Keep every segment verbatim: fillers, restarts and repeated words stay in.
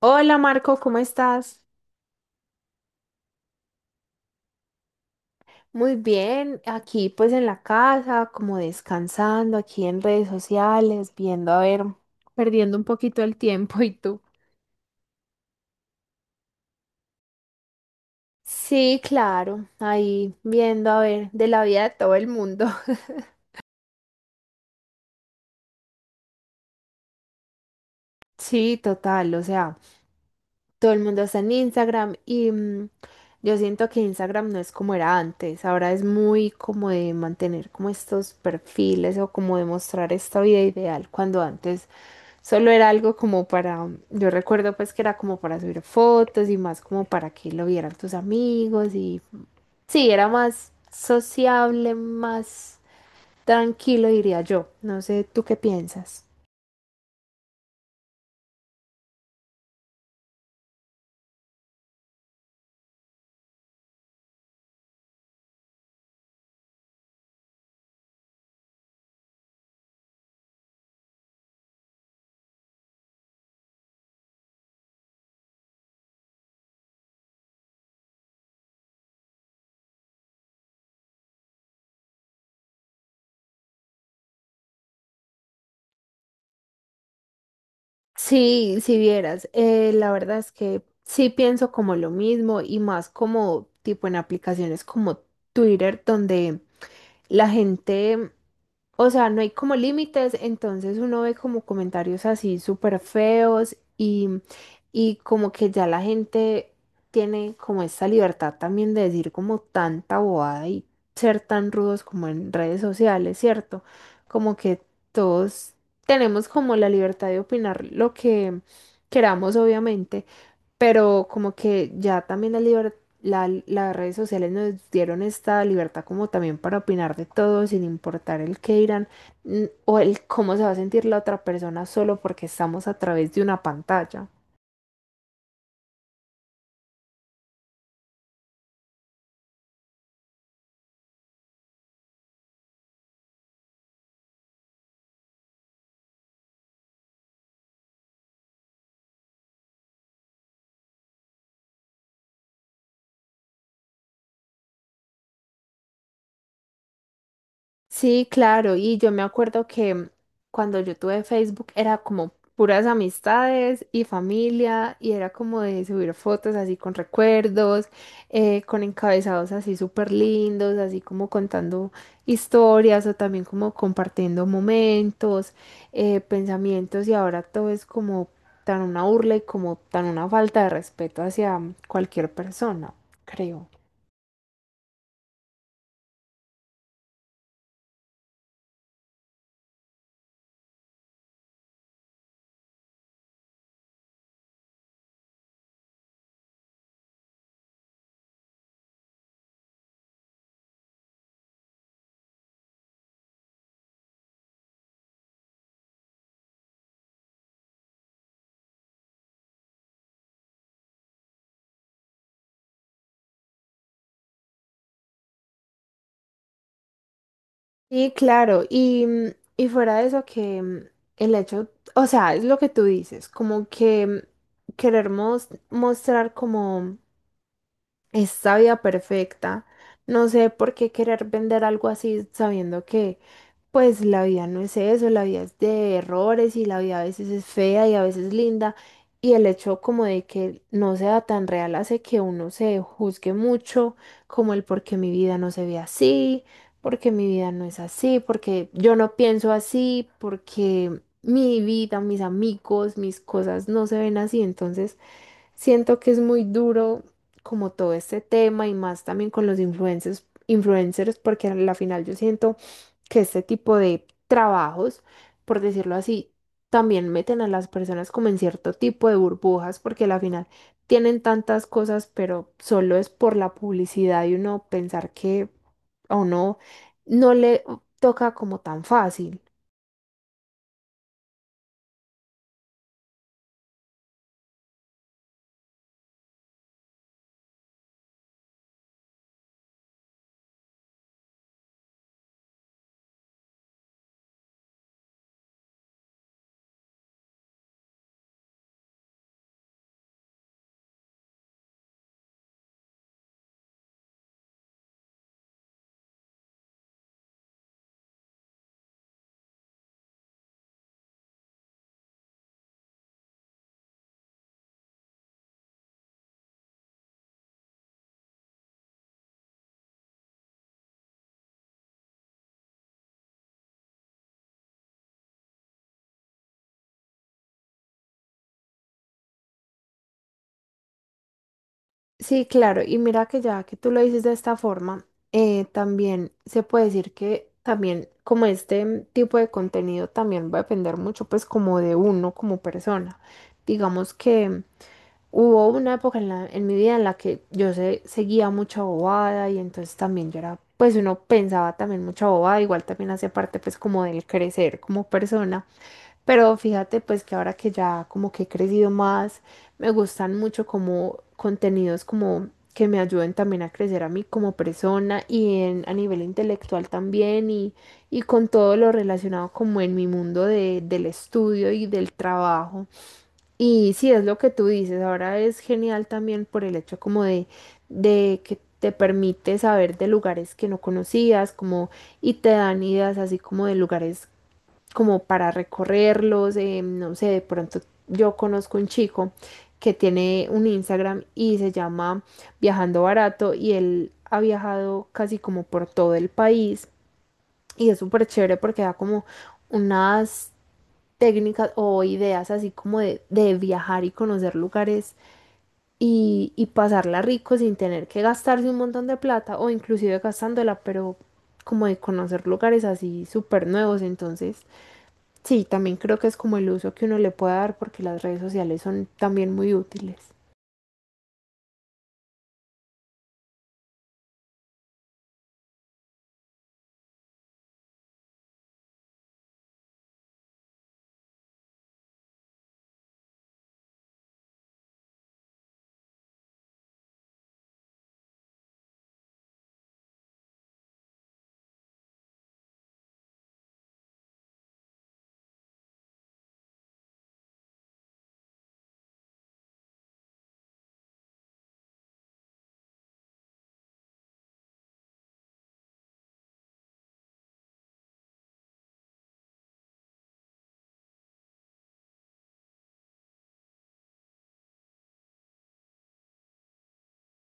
Hola Marco, ¿cómo estás? Muy bien, aquí pues en la casa, como descansando, aquí en redes sociales, viendo, a ver, perdiendo un poquito el tiempo. ¿Y tú? Sí, claro, ahí viendo a ver de la vida de todo el mundo. Sí, total, o sea, todo el mundo está en Instagram y mm, yo siento que Instagram no es como era antes. Ahora es muy como de mantener como estos perfiles o como de mostrar esta vida ideal cuando antes solo era algo como para, yo recuerdo pues que era como para subir fotos y más como para que lo vieran tus amigos y sí, era más sociable, más tranquilo diría yo. No sé, ¿tú qué piensas? Sí, si vieras, eh, la verdad es que sí pienso como lo mismo y más como tipo en aplicaciones como Twitter, donde la gente, o sea, no hay como límites, entonces uno ve como comentarios así súper feos y, y como que ya la gente tiene como esta libertad también de decir como tanta bobada y ser tan rudos como en redes sociales, ¿cierto? Como que todos tenemos como la libertad de opinar lo que queramos, obviamente, pero como que ya también la liber- la- las redes sociales nos dieron esta libertad como también para opinar de todo sin importar el qué dirán, mm, o el cómo se va a sentir la otra persona solo porque estamos a través de una pantalla. Sí, claro, y yo me acuerdo que cuando yo tuve Facebook era como puras amistades y familia y era como de subir fotos así con recuerdos, eh, con encabezados así súper lindos, así como contando historias o también como compartiendo momentos, eh, pensamientos, y ahora todo es como tan una burla y como tan una falta de respeto hacia cualquier persona, creo. Sí, claro, y, mm, y fuera de eso que mm, el hecho, o sea, es lo que tú dices, como que mm, querer mos- mostrar como es sabia perfecta. No sé por qué querer vender algo así sabiendo que pues la vida no es eso, la vida es de errores y la vida a veces es fea y a veces linda. Y el hecho como de que no sea tan real hace que uno se juzgue mucho, como el por qué mi vida no se ve así, porque mi vida no es así, porque yo no pienso así, porque mi vida, mis amigos, mis cosas no se ven así. Entonces, siento que es muy duro como todo este tema y más también con los influencers, influencers porque a la final yo siento que este tipo de trabajos, por decirlo así, también meten a las personas como en cierto tipo de burbujas porque a la final tienen tantas cosas, pero solo es por la publicidad y uno pensar que a uno no le toca como tan fácil. Sí, claro, y mira que ya que tú lo dices de esta forma, eh, también se puede decir que también como este mm, tipo de contenido también va a depender mucho pues como de uno como persona. Digamos que mm, hubo una época en la, en mi vida en la que yo se, seguía mucha bobada y entonces también yo era, pues uno pensaba también mucha bobada, igual también hace parte pues como del crecer como persona. Pero fíjate pues que ahora que ya como que he crecido más, me gustan mucho como contenidos como que me ayuden también a crecer a mí como persona y en, a nivel intelectual también y, y con todo lo relacionado como en mi mundo de, del estudio y del trabajo. Y sí, es lo que tú dices, ahora es genial también por el hecho como de, de que te permite saber de lugares que no conocías, como, y te dan ideas así como de lugares como para recorrerlos, eh, no sé, de pronto yo conozco un chico que tiene un Instagram y se llama Viajando Barato, y él ha viajado casi como por todo el país y es súper chévere porque da como unas técnicas o ideas así como de, de viajar y conocer lugares y, y pasarla rico sin tener que gastarse un montón de plata o inclusive gastándola, pero como de conocer lugares así súper nuevos, entonces sí, también creo que es como el uso que uno le puede dar porque las redes sociales son también muy útiles.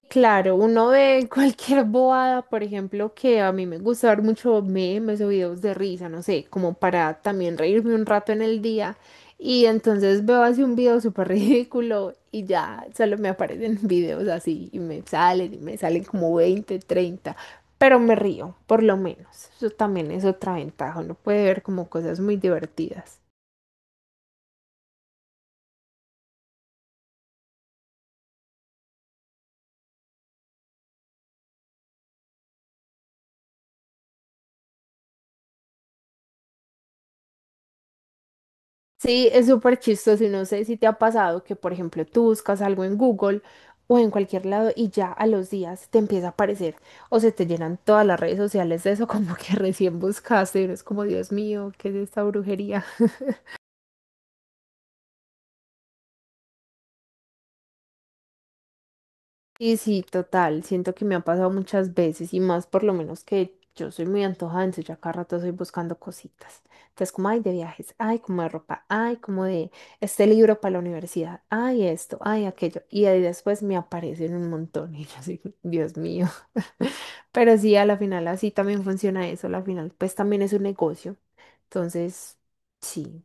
Claro, uno ve cualquier bobada, por ejemplo, que a mí me gusta ver mucho memes o videos de risa, no sé, como para también reírme un rato en el día. Y entonces veo así un video súper ridículo y ya solo me aparecen videos así y me salen y me salen como veinte, treinta, pero me río, por lo menos. Eso también es otra ventaja, uno puede ver como cosas muy divertidas. Sí, es súper chistoso y no sé si te ha pasado que, por ejemplo, tú buscas algo en Google o en cualquier lado y ya a los días te empieza a aparecer o se te llenan todas las redes sociales de eso como que recién buscaste y es como, Dios mío, ¿qué es esta brujería? Sí, sí, total. Siento que me ha pasado muchas veces y más por lo menos que yo soy muy antojada, entonces yo a cada rato estoy buscando cositas. Entonces, como ay de viajes, ay, como de ropa, ay, como de este libro para la universidad, ay, esto, ay, aquello. Y ahí después me aparecen un montón y yo así, Dios mío. Pero sí, a la final así también funciona eso. A la final, pues también es un negocio. Entonces, sí.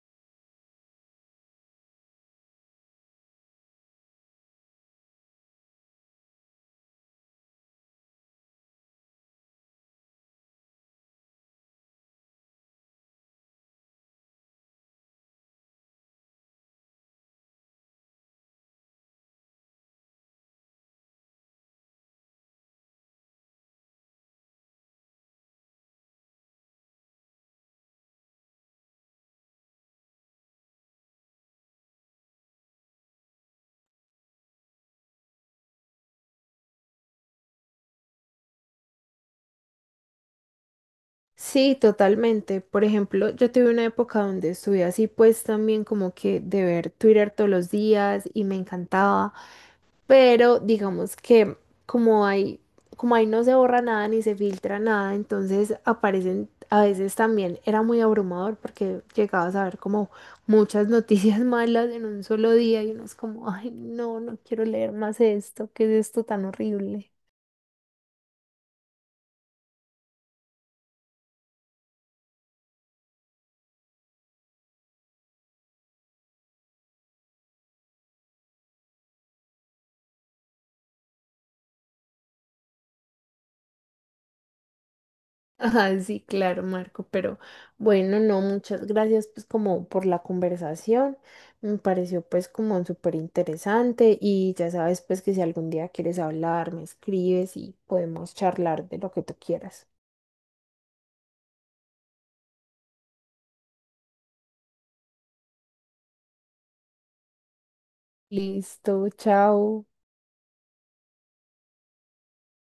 Sí, totalmente. Por ejemplo, yo tuve una época donde estuve así, pues también como que de ver Twitter todos los días y me encantaba, pero digamos que como hay, como ahí no se borra nada ni se filtra nada, entonces aparecen a veces también, era muy abrumador porque llegabas a ver como muchas noticias malas en un solo día y uno es como, ay, no, no quiero leer más esto, ¿qué es esto tan horrible? Ajá, sí, claro, Marco, pero bueno, no, muchas gracias pues como por la conversación, me pareció pues como súper interesante y ya sabes pues que si algún día quieres hablar, me escribes y podemos charlar de lo que tú quieras. Listo, chao.